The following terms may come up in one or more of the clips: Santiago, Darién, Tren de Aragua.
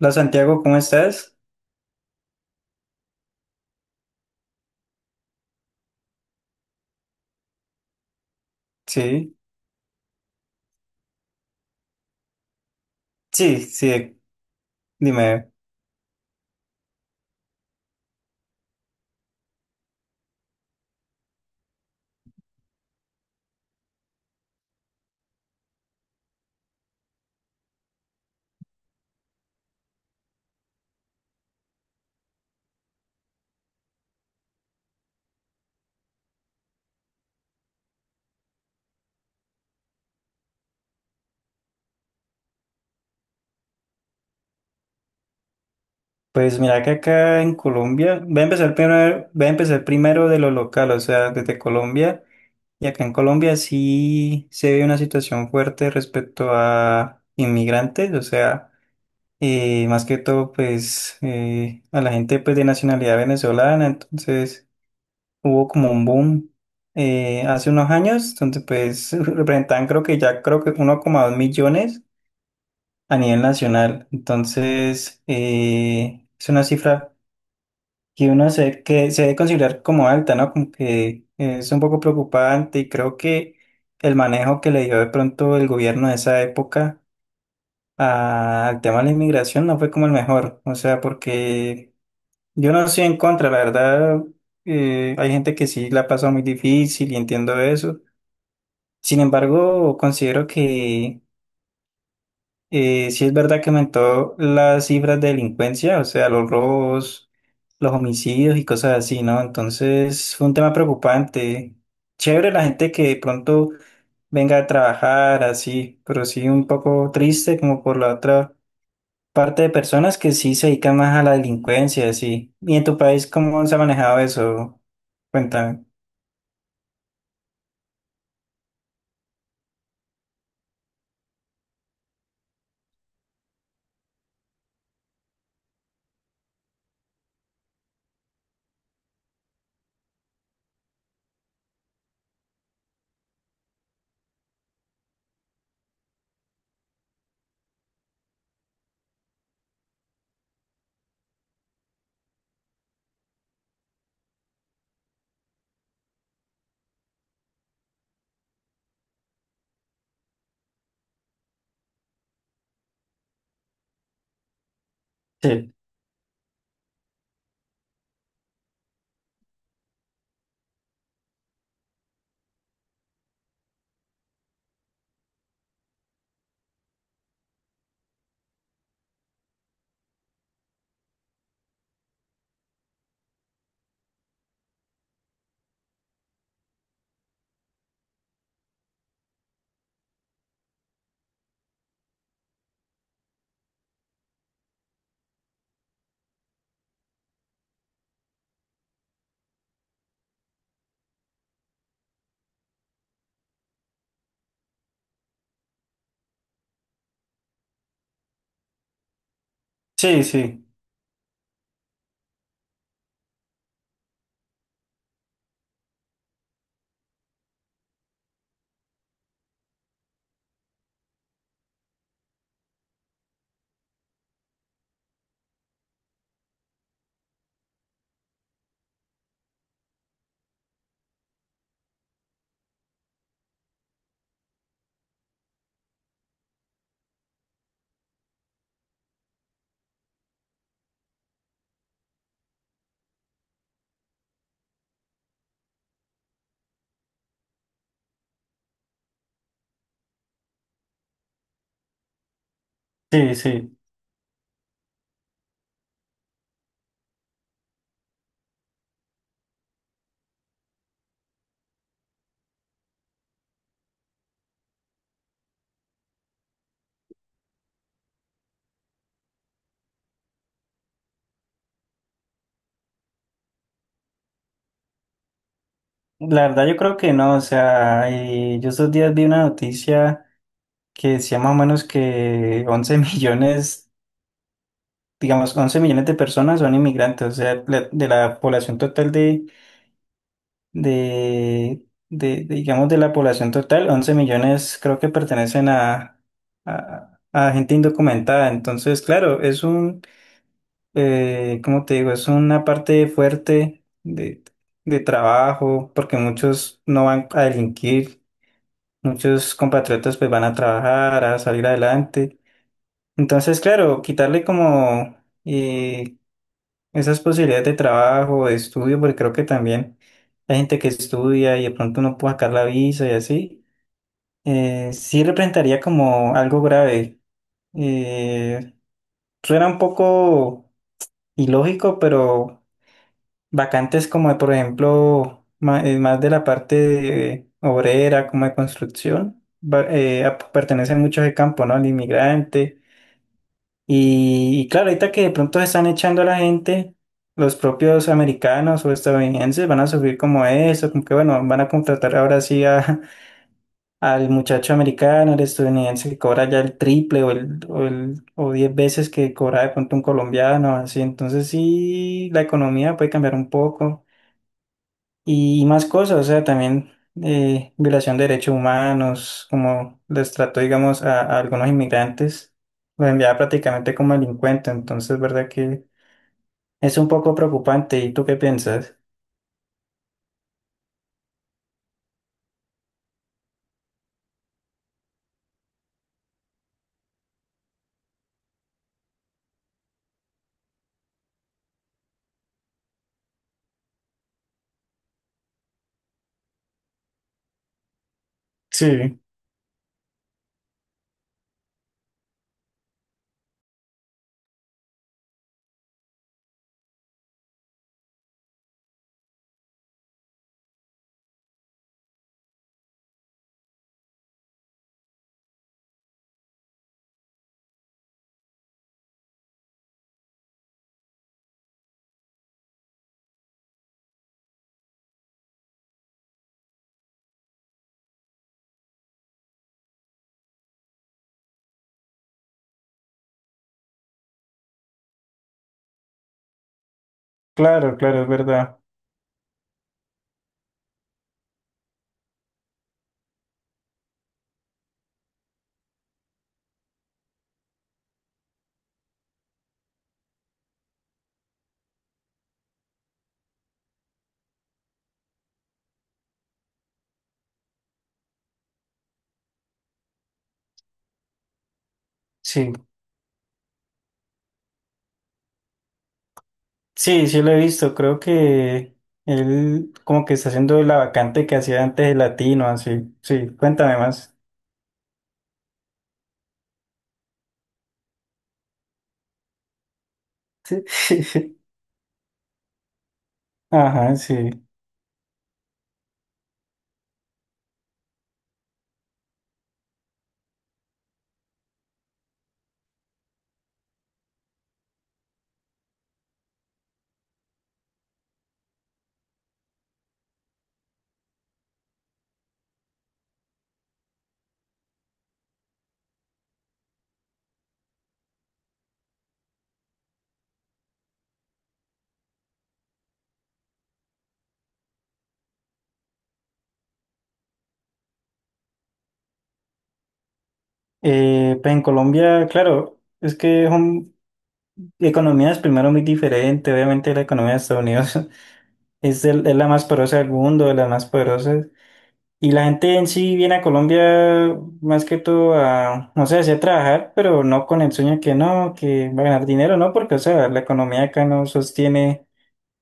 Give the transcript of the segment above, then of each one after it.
Hola Santiago, ¿cómo estás? Sí, sí, sí, dime. Pues mira que acá en Colombia, voy a empezar primero de lo local, o sea, desde Colombia. Y acá en Colombia sí se ve una situación fuerte respecto a inmigrantes, o sea, más que todo pues a la gente pues de nacionalidad venezolana, entonces hubo como un boom hace unos años, donde pues representaban creo que 1,2 millones a nivel nacional. Entonces, es una cifra que se debe considerar como alta, ¿no? Como que es un poco preocupante y creo que el manejo que le dio de pronto el gobierno de esa época al tema de la inmigración no fue como el mejor. O sea, porque yo no estoy en contra, la verdad, hay gente que sí la pasa muy difícil y entiendo eso. Sin embargo, considero que sí es verdad que aumentó las cifras de delincuencia, o sea, los robos, los homicidios y cosas así, ¿no? Entonces fue un tema preocupante. Chévere la gente que de pronto venga a trabajar así, pero sí un poco triste como por la otra parte de personas que sí se dedican más a la delincuencia, así. ¿Y en tu país cómo se ha manejado eso? Cuéntame. Sí, sí, sí, sí, sí. La verdad yo creo que no, o sea, yo estos días vi una noticia que decía más o menos que 11 millones, digamos, 11 millones de personas son inmigrantes, o sea, de la población total de, digamos, de la población total, 11 millones creo que pertenecen a gente indocumentada. Entonces, claro, es un, ¿cómo te digo? Es una parte fuerte de trabajo, porque muchos no van a delinquir. Muchos compatriotas pues van a trabajar, a salir adelante. Entonces, claro, quitarle como eh, esas posibilidades de trabajo, de estudio, porque creo que también hay gente que estudia y de pronto no puede sacar la visa y así, sí representaría como algo grave. Eh, Suena un poco ilógico, pero vacantes como, de, por ejemplo, más, de la parte de obrera, como de construcción, pertenecen mucho a ese campo, ¿no? Al inmigrante. Y claro, ahorita que de pronto se están echando a la gente, los propios americanos o estadounidenses van a subir como eso, como que bueno, van a contratar ahora sí al muchacho americano, al estadounidense que cobra ya el triple o 10 veces que cobra de pronto un colombiano, así. Entonces sí, la economía puede cambiar un poco y más cosas, o sea, también violación de derechos humanos, como les trató, digamos, a algunos inmigrantes, los enviaba prácticamente como delincuentes, entonces, ¿verdad que es un poco preocupante? ¿Y tú qué piensas? Sí, claro, claro, es verdad. Sí, sí, sí lo he visto, creo que él como que está haciendo la vacante que hacía antes de Latino, así, sí, cuéntame más. Sí. Ajá, sí. Pues en Colombia, claro, es que es un economías primero muy diferente, obviamente la economía de Estados Unidos es, es la más poderosa del mundo, de las más poderosas. Y la gente en sí viene a Colombia más que todo a, no sé, así a trabajar, pero no con el sueño que no, que va a ganar dinero, no, porque, o sea, la economía acá no sostiene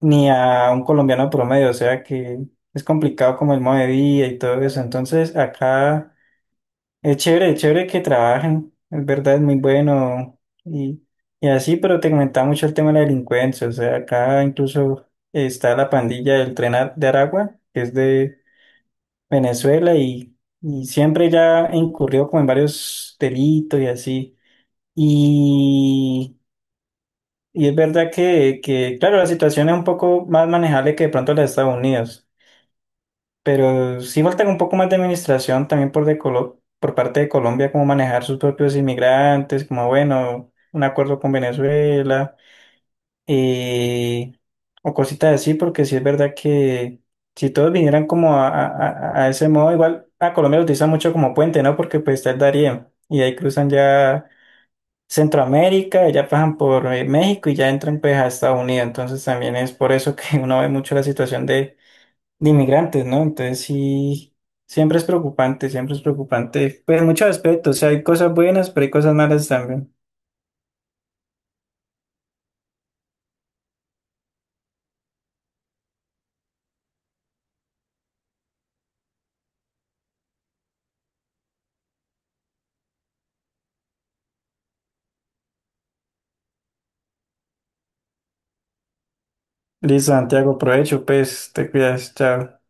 ni a un colombiano promedio, o sea que es complicado como el modo de vida y todo eso. Entonces, acá. Es chévere que trabajen, es verdad, es muy bueno y, y así, pero te comentaba mucho el tema de la delincuencia, o sea, acá incluso está la pandilla del de Aragua, que es de Venezuela y siempre ya incurrió como en varios delitos y así. Y, y es verdad que, claro, la situación es un poco más manejable que de pronto la de Estados Unidos. Pero sí falta un poco más de administración también por parte de Colombia, como manejar sus propios inmigrantes, como bueno, un acuerdo con Venezuela eh, o cositas así, porque sí es verdad que si todos vinieran como a ese modo, igual a Colombia lo utilizan mucho como puente, ¿no? Porque pues está el Darién y de ahí cruzan ya Centroamérica, y ya pasan por México y ya entran pues a Estados Unidos, entonces también es por eso que uno ve mucho la situación de inmigrantes, ¿no? Entonces sí, siempre es preocupante, pues en muchos aspectos, o sea, hay cosas buenas, pero hay cosas malas también. Listo, Santiago, provecho, pues, te cuidas, chao.